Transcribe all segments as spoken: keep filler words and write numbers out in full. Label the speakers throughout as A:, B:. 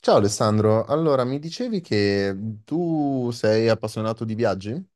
A: Ciao Alessandro, allora mi dicevi che tu sei appassionato di viaggi?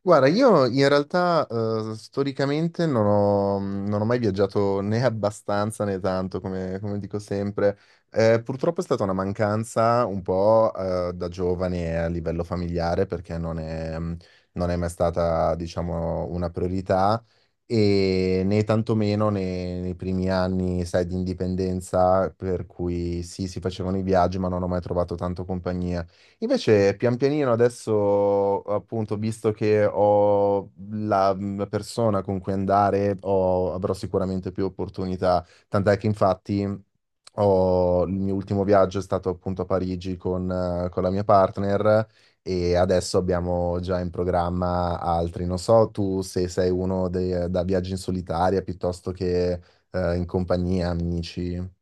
A: Guarda, io in realtà eh, storicamente non ho, non ho mai viaggiato né abbastanza né tanto, come, come dico sempre. Eh, purtroppo è stata una mancanza un po' eh, da giovane a livello familiare perché non è, mm, non è mai stata, diciamo, una priorità, e né tantomeno nei, nei primi anni, sai, di indipendenza, per cui sì, si facevano i viaggi, ma non ho mai trovato tanto compagnia. Invece, pian pianino adesso, appunto, visto che ho la mh, persona con cui andare, ho- avrò sicuramente più opportunità. Tant'è che infatti ho- il mio ultimo viaggio è stato appunto a Parigi con, eh, con la mia partner, e adesso abbiamo già in programma altri. Non so tu se sei uno de- da viaggi in solitaria piuttosto che eh, in compagnia, amici.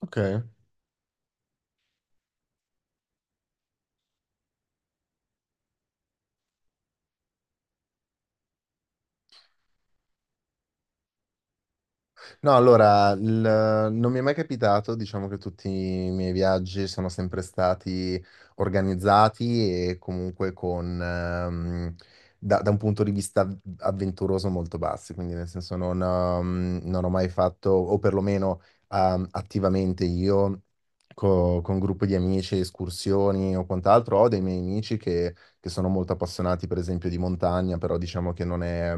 A: Ok. No, allora, il- non mi è mai capitato, diciamo che tutti i miei viaggi sono sempre stati organizzati e comunque con, ehm, da, da un punto di vista avventuroso molto bassi, quindi nel senso non, ehm, non ho mai fatto, o perlomeno ehm, attivamente io, co- con gruppi di amici, escursioni o quant'altro. Ho dei miei amici che, che sono molto appassionati per esempio di montagna, però diciamo che non è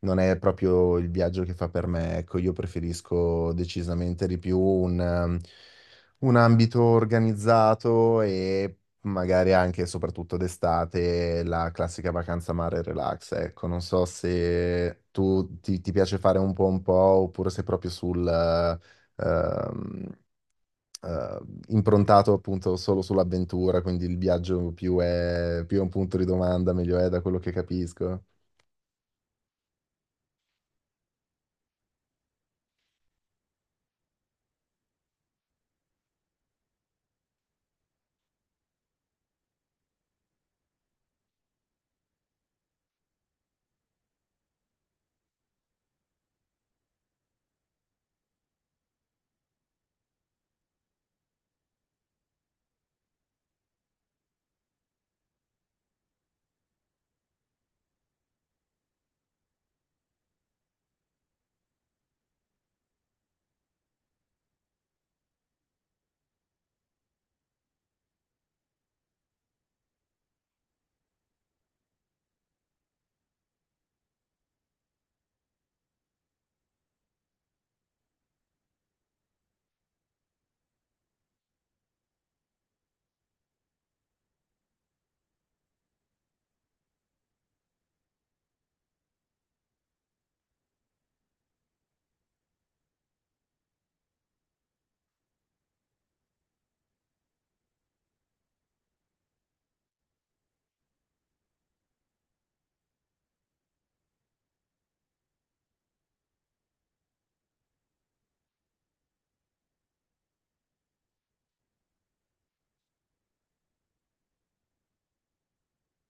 A: non è proprio il viaggio che fa per me, ecco. Io preferisco decisamente di più un, ehm, un ambito organizzato e magari anche, e soprattutto d'estate, la classica vacanza mare e relax, ecco. Non so se tu ti, ti piace fare un po' un po' oppure sei proprio sul, eh, ehm, eh, improntato appunto solo sull'avventura, quindi il viaggio più è, più è un punto di domanda, meglio è, da quello che capisco.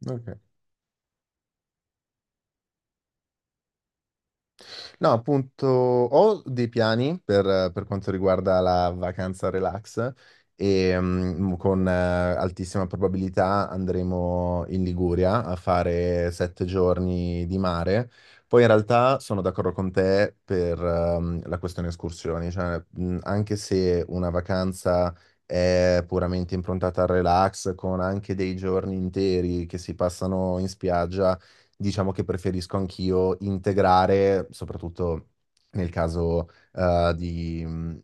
A: Ok. No, appunto, ho dei piani per, per quanto riguarda la vacanza relax, e mm, con eh, altissima probabilità andremo in Liguria a fare sette giorni di mare. Poi in realtà sono d'accordo con te per ehm, la questione escursioni, cioè, mm, anche se una vacanza è puramente improntata al relax, con anche dei giorni interi che si passano in spiaggia, diciamo che preferisco anch'io integrare, soprattutto nel caso eh, di mh,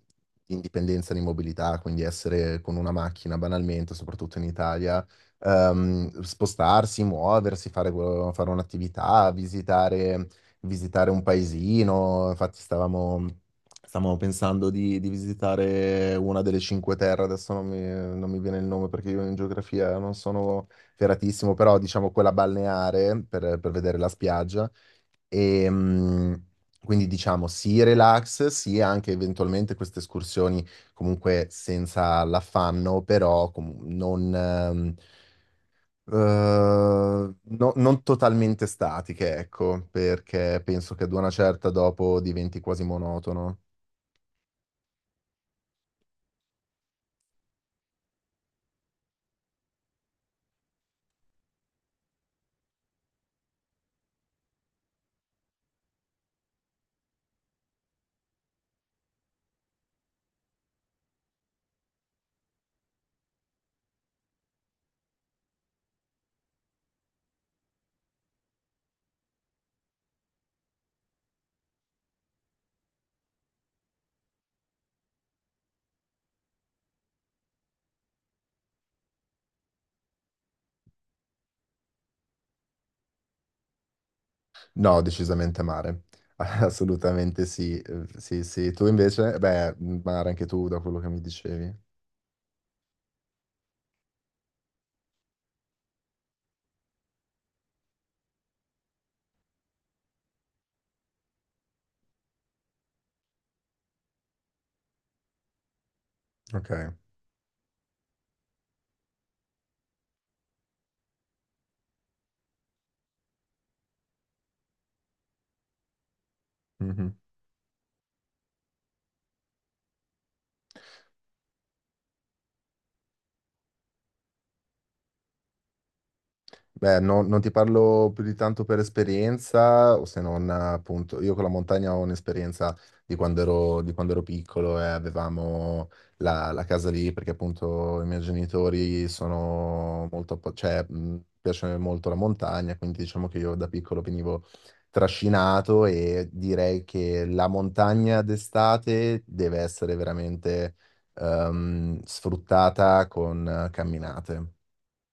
A: indipendenza di mobilità, quindi essere con una macchina banalmente, soprattutto in Italia, ehm, spostarsi, muoversi, fare, quello- fare un'attività, visitare, visitare, un paesino. Infatti stavamo, stavamo pensando di, di visitare una delle Cinque Terre, adesso non mi, non mi viene il nome perché io in geografia non sono feratissimo, però diciamo quella balneare per, per vedere la spiaggia. E, mh, quindi diciamo sì relax, sì anche eventualmente queste escursioni, comunque senza l'affanno, però com- non, ehm, eh, no- non totalmente statiche, ecco, perché penso che ad una certa dopo diventi quasi monotono. No, decisamente mare. Assolutamente sì, eh, sì, sì. Tu invece? Beh, mare anche tu, da quello che mi dicevi. Ok. Mhm. Beh, no- non ti parlo più di tanto per esperienza, o se non appunto, io con la montagna ho un'esperienza di quando ero, di quando ero piccolo e avevamo la, la casa lì, perché appunto i miei genitori sono molto, appo- cioè, mh, piace molto la montagna, quindi diciamo che io da piccolo venivo trascinato, e direi che la montagna d'estate deve essere veramente ehm, sfruttata con eh, camminate.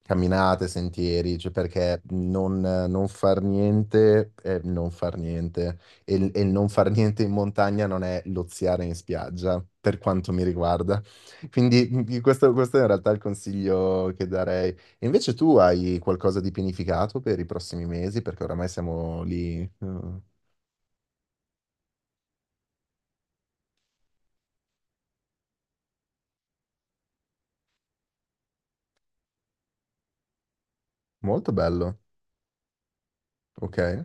A: Camminate, sentieri, cioè perché non, non far niente è non far niente. E, il- e il non far niente in montagna non è loziare in spiaggia, per quanto mi riguarda. Quindi mh, questo, questo è in realtà il consiglio che darei. E invece tu hai qualcosa di pianificato per i prossimi mesi? Perché oramai siamo lì. Eh, Molto bello. Ok,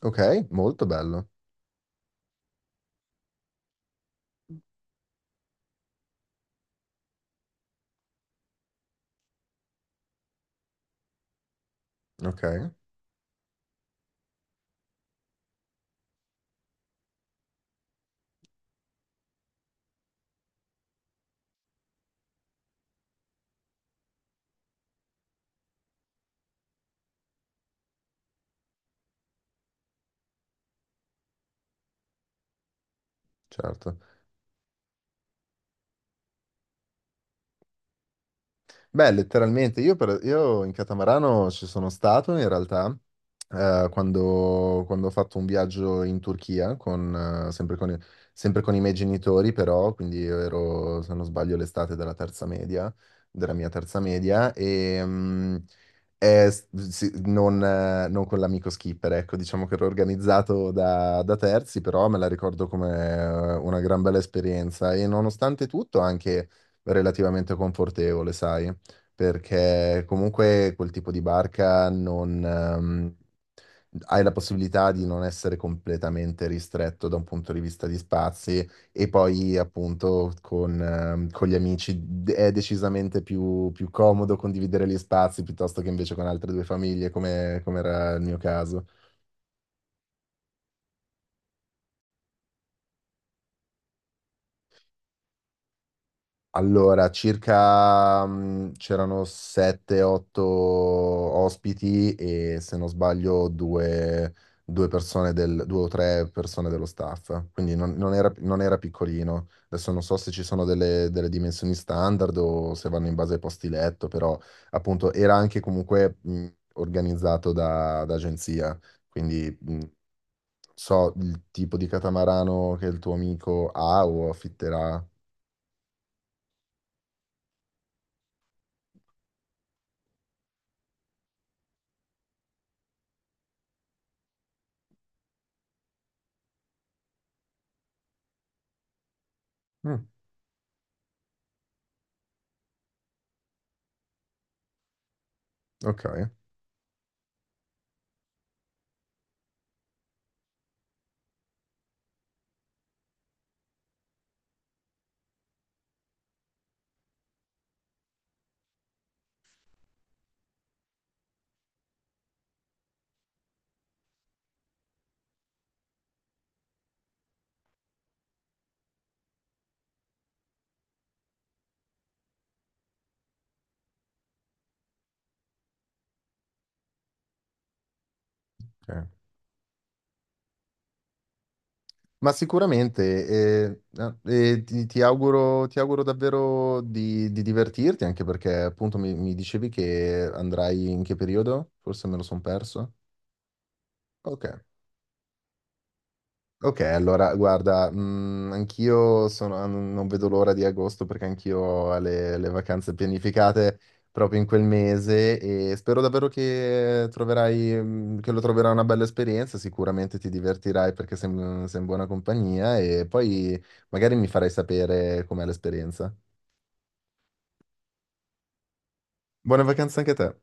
A: ok, molto bello. Ok, certo. Beh, letteralmente, io, per- io in catamarano ci sono stato in realtà eh, quando, quando ho fatto un viaggio in Turchia, con, eh, sempre con, i sempre con i miei genitori però, quindi io ero, se non sbaglio, l'estate della terza media, della mia terza media, e mm, è s- sì, non, eh, non con l'amico skipper, ecco, diciamo che ero organizzato da, da terzi, però me la ricordo come eh, una gran bella esperienza, e nonostante tutto anche relativamente confortevole, sai, perché comunque quel tipo di barca non, ehm, hai la possibilità di non essere completamente ristretto da un punto di vista di spazi, e poi appunto con, ehm, con gli amici, d- è decisamente più, più comodo condividere gli spazi piuttosto che invece con altre due famiglie, come, come era il mio caso. Allora, circa mh, c'erano sette otto ospiti e, se non sbaglio, due, due persone del, due o tre persone dello staff, quindi non, non era, non era piccolino. Adesso non so se ci sono delle, delle dimensioni standard o se vanno in base ai posti letto, però appunto era anche comunque mh, organizzato da, da agenzia, quindi mh, so il tipo di catamarano che il tuo amico ha o affitterà. Mm, ok. Ok. Ma sicuramente, eh, eh, eh, ti, ti auguro, ti auguro davvero di, di divertirti, anche perché appunto mi, mi dicevi che andrai in che periodo? Forse me lo sono perso. Ok. Ok, allora guarda, mm, anch'io sono- ah, non non vedo l'ora di agosto perché anch'io ho le, le vacanze pianificate proprio in quel mese, e spero davvero che troverai, mm, che lo troverai una bella esperienza, sicuramente ti divertirai perché sei, mm, sei in buona compagnia, e poi magari mi farai sapere com'è l'esperienza. Buone vacanze anche a te.